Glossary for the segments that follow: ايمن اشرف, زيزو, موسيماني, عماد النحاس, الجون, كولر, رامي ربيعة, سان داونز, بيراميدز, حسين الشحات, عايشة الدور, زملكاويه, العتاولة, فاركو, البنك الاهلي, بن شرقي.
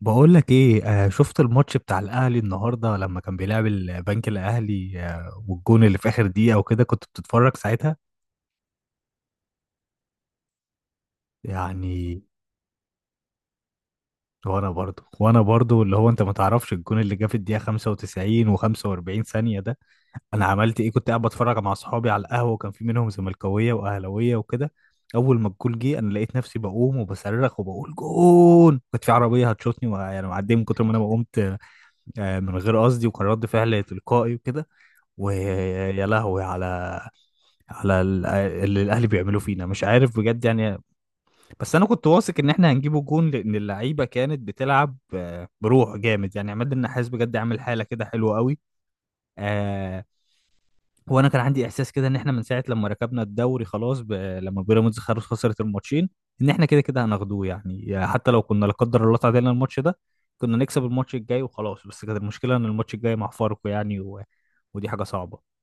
بقول لك ايه، شفت الماتش بتاع الاهلي النهارده لما كان بيلعب البنك الاهلي والجون اللي في اخر دقيقه وكده، كنت بتتفرج ساعتها يعني؟ وانا برضو، اللي هو انت ما تعرفش الجون اللي جه في الدقيقه 95 و45 ثانيه ده. انا عملت ايه، كنت قاعد بتفرج مع اصحابي على القهوه وكان في منهم زملكاويه واهلاويه وكده. اول ما الجول جه انا لقيت نفسي بقوم وبصرخ وبقول جون، كنت في عربيه هتشوطني ويعني معديه من كتر ما انا ما قمت. من غير قصدي، وكان رد فعل تلقائي وكده. ويا لهوي على اللي الاهلي بيعملوه فينا، مش عارف بجد يعني. بس انا كنت واثق ان احنا هنجيبه جون لان اللعيبه كانت بتلعب بروح جامد يعني. عماد النحاس بجد عامل حاله كده حلوه قوي. آه وانا كان عندي احساس كده ان احنا من ساعه لما ركبنا الدوري خلاص، لما بيراميدز خلاص خسرت الماتشين، ان احنا كده كده هناخدوه يعني. حتى لو كنا لا قدر الله تعادلنا الماتش ده، كنا نكسب الماتش الجاي وخلاص. بس كانت المشكله ان الماتش الجاي مع فاركو يعني، و... ودي حاجه صعبه.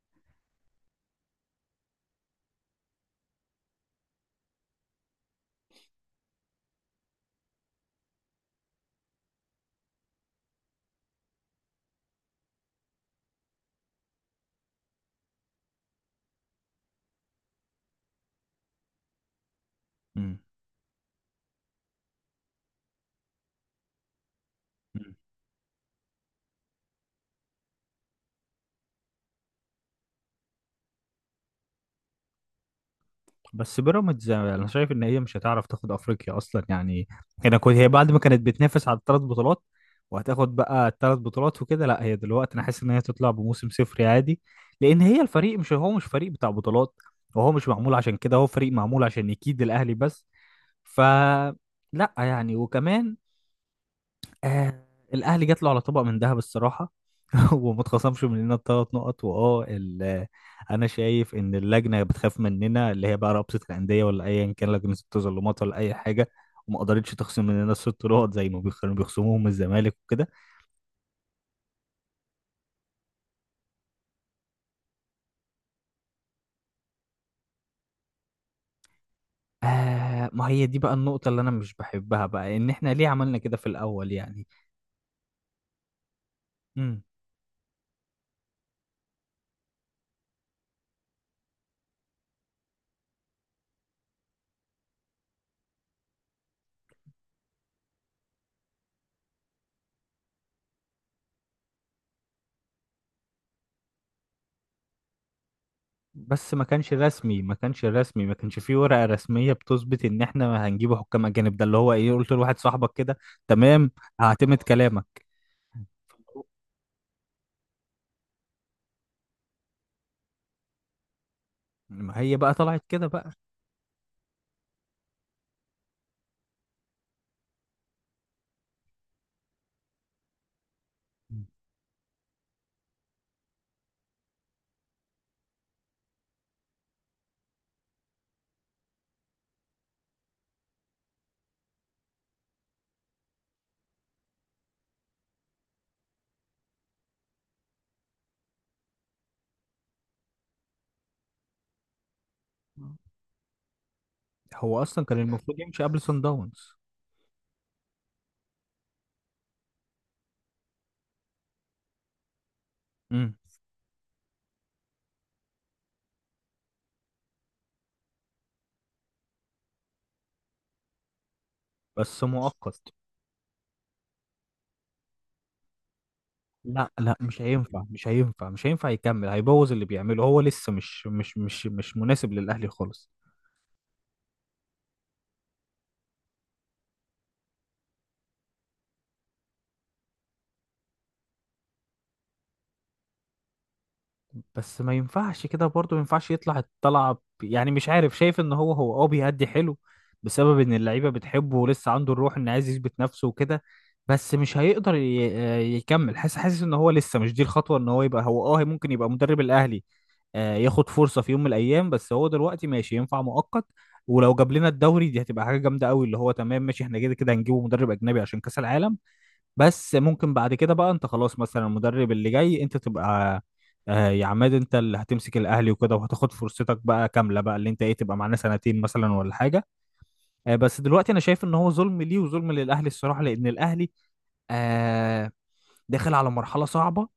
مم. بس بيراميدز انا شايف ان هي مش هتعرف تاخد افريقيا اصلا يعني. هنا كنت هي بعد ما كانت بتنافس على الثلاث بطولات وهتاخد بقى الثلاث بطولات وكده، لا هي دلوقتي انا حاسس ان هي تطلع بموسم صفري عادي، لان هي الفريق مش فريق بتاع بطولات. وهو مش معمول عشان كده، هو فريق معمول عشان يكيد الاهلي بس. ف لا يعني، وكمان آه الاهلي جات له على طبق من ذهب الصراحه. وما اتخصمش مننا الثلاث نقط. واه ال- آه، انا شايف ان اللجنه بتخاف مننا، اللي هي بقى رابطه الانديه ولا ايا كان لجنه التظلمات ولا اي حاجه، وما قدرتش تخصم مننا الست نقط زي ما بيخصموهم من الزمالك وكده. ما هي دي بقى النقطه اللي انا مش بحبها بقى، ان احنا ليه عملنا كده في الاول يعني. بس ما كانش رسمي ما كانش رسمي، ما كانش فيه ورقة رسمية بتثبت ان احنا هنجيب حكام اجانب. ده اللي هو ايه، قلت لواحد صاحبك كده. تمام، هعتمد كلامك. ما هي بقى طلعت كده بقى. مم. هو اصلا كان المفروض يمشي قبل سان داونز. امم. بس مؤقت. لا، لا، مش هينفع يكمل، هيبوظ اللي بيعمله. هو لسه مش مناسب للاهلي خالص. بس ما ينفعش كده برضه، ما ينفعش يطلع الطلعة يعني مش عارف. شايف ان هو بيأدي حلو بسبب ان اللعيبة بتحبه ولسه عنده الروح ان عايز يثبت نفسه وكده. بس مش هيقدر يكمل. حاسس ان هو لسه مش دي الخطوة ان هو يبقى، هو اه ممكن يبقى مدرب الاهلي، ياخد فرصة في يوم من الايام. بس هو دلوقتي ماشي، ينفع مؤقت. ولو جاب لنا الدوري دي هتبقى حاجة جامدة قوي، اللي هو تمام ماشي. احنا كده كده هنجيبه مدرب اجنبي عشان كأس العالم. بس ممكن بعد كده بقى، انت خلاص مثلا المدرب اللي جاي انت تبقى، يا عماد انت اللي هتمسك الاهلي وكده، وهتاخد فرصتك بقى كامله بقى، اللي انت ايه، تبقى معانا سنتين مثلا ولا حاجه. بس دلوقتي انا شايف ان هو ظلم ليه وظلم للاهلي الصراحه، لان الاهلي آه داخل على مرحله صعبه،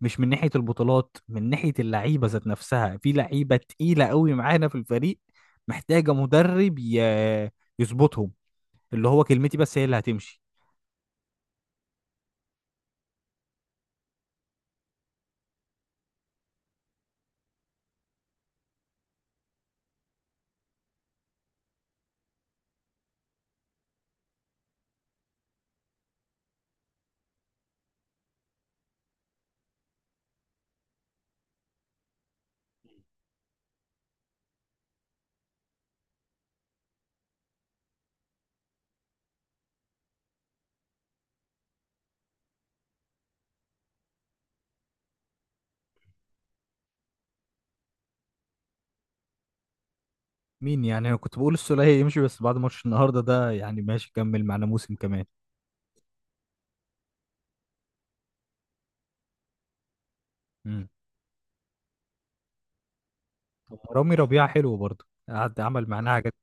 مش من ناحيه البطولات، من ناحيه اللعيبه ذات نفسها. في لعيبه تقيله قوي معانا في الفريق، محتاجه مدرب يظبطهم. اللي هو كلمتي بس هي اللي هتمشي. مين يعني؟ انا كنت بقول السولية يمشي، بس بعد ماتش النهارده ده يعني ماشي، كمل معانا موسم كمان. امم. طب رامي ربيعة حلو برضه، قعد عمل معانا حاجات.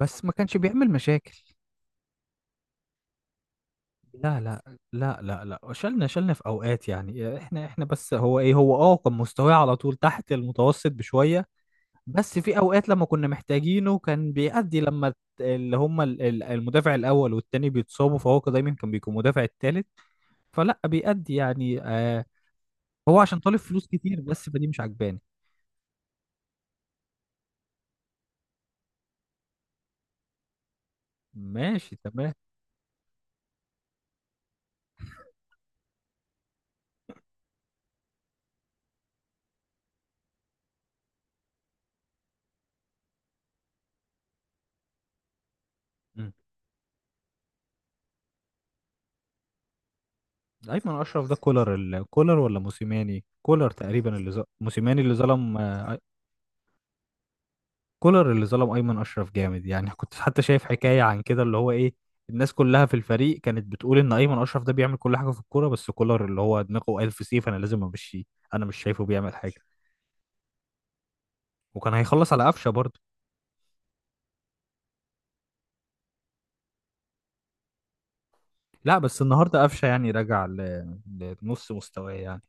بس ما كانش بيعمل مشاكل. لا لا لا لا لا، شلنا في اوقات يعني. احنا بس هو ايه، هو كان مستواه على طول تحت المتوسط بشوية. بس في اوقات لما كنا محتاجينه كان بيأدي، لما الت- اللي هم ال- ال- المدافع الاول والتاني بيتصابوا، فهو كان دايما كان بيكون مدافع التالت، فلا بيأدي يعني. هو عشان طالب فلوس كتير، بس فدي مش عجباني. ماشي تمام. مم. ايمن اشرف ده كولر كولر ولا موسيماني؟ كولر تقريبا. اللي موسيماني اللي ظلم، كولر اللي ظلم ايمن اشرف جامد يعني. كنت حتى شايف حكايه عن كده اللي هو ايه، الناس كلها في الفريق كانت بتقول ان ايمن اشرف ده بيعمل كل حاجه في الكوره، بس كولر اللي هو دماغه الف سيف، انا لازم امشيه، انا مش شايفه بيعمل حاجه. وكان هيخلص على قفشه برضه. لا بس النهارده قفشه يعني رجع لنص مستواه يعني.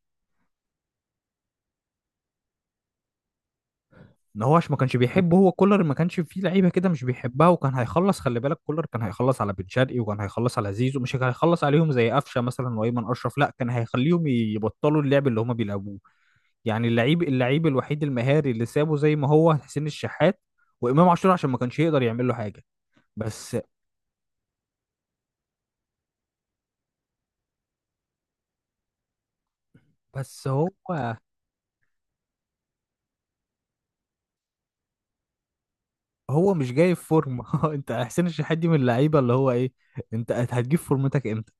ان هو عشان ما كانش بيحبه هو كولر. ما كانش فيه لعيبه كده مش بيحبها، وكان هيخلص. خلي بالك كولر كان هيخلص على بن شرقي وكان هيخلص على زيزو. مش كان هيخلص عليهم زي قفشه مثلا. وايمن اشرف لا، كان هيخليهم يبطلوا اللعب اللي هما بيلعبوه يعني. اللعيب، اللعيب الوحيد المهاري اللي سابه زي ما هو حسين الشحات وامام عاشور، عشان ما كانش يقدر يعمل له حاجه. بس بس هو مش جاي في فورمه. انت حسين الشحات دي من اللعيبه اللي هو ايه، انت هتجيب فورمتك امتى؟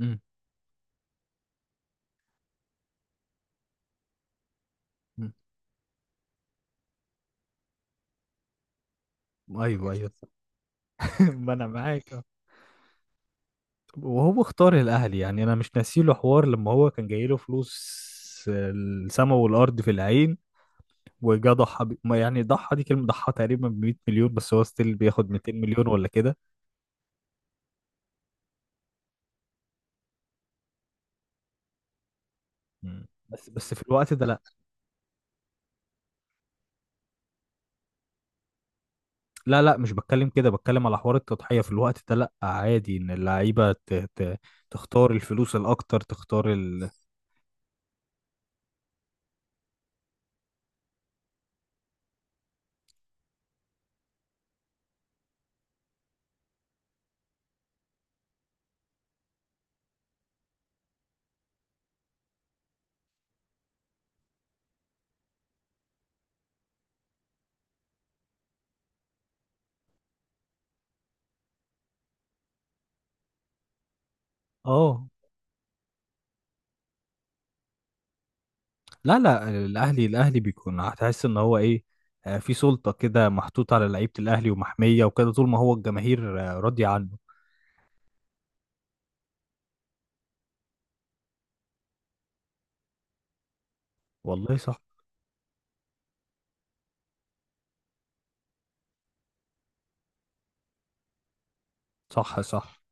امم. أمم. ايوه ايوه. ما انا معاك. وهو اختار الاهلي يعني، انا مش ناسيله حوار لما هو كان جايله فلوس، السما والارض في العين، وجا ضحى ما يعني ضحى دي كلمه، ضحى تقريبا ب 100 مليون، بس هو ستيل بياخد 200 مليون ولا كده. مم. بس في الوقت ده لا. لا لا، مش بتكلم كده، بتكلم على حوار التضحيه. في الوقت ده لا، عادي ان اللعيبه تختار الفلوس الاكتر، تختار اه. لا لا الاهلي، الاهلي بيكون هتحس ان هو ايه، في سلطه كده محطوطه على لعيبه الاهلي ومحميه وكده، طول ما هو الجماهير راضيه عنه. والله صح. صح صح.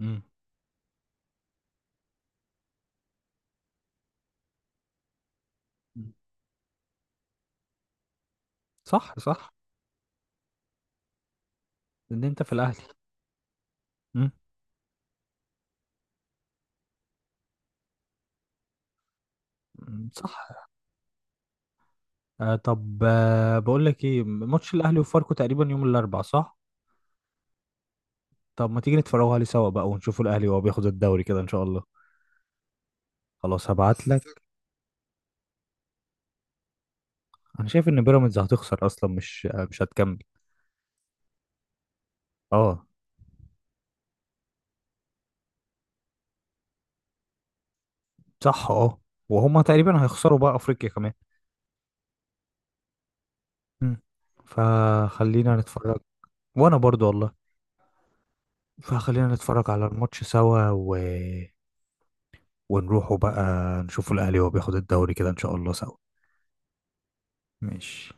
امم. صح صح. ان انت في الاهلي. امم. أمم، صح. طب، بقول لك ايه، ماتش الاهلي وفاركو تقريبا يوم الاربعاء صح؟ طب ما تيجي نتفرجوا عليه سوا بقى، ونشوفوا الاهلي وهو بياخد الدوري كده ان شاء الله. خلاص هبعت لك. انا شايف ان بيراميدز هتخسر اصلا، مش مش هتكمل. اه صح اه. وهما تقريبا هيخسروا بقى افريقيا كمان. مم. فخلينا نتفرج. وانا برضو والله. فخلينا نتفرج على الماتش سوا، و... ونروحوا بقى، نشوفوا الاهلي وهو بياخد الدوري كده ان شاء الله سوا. ماشي.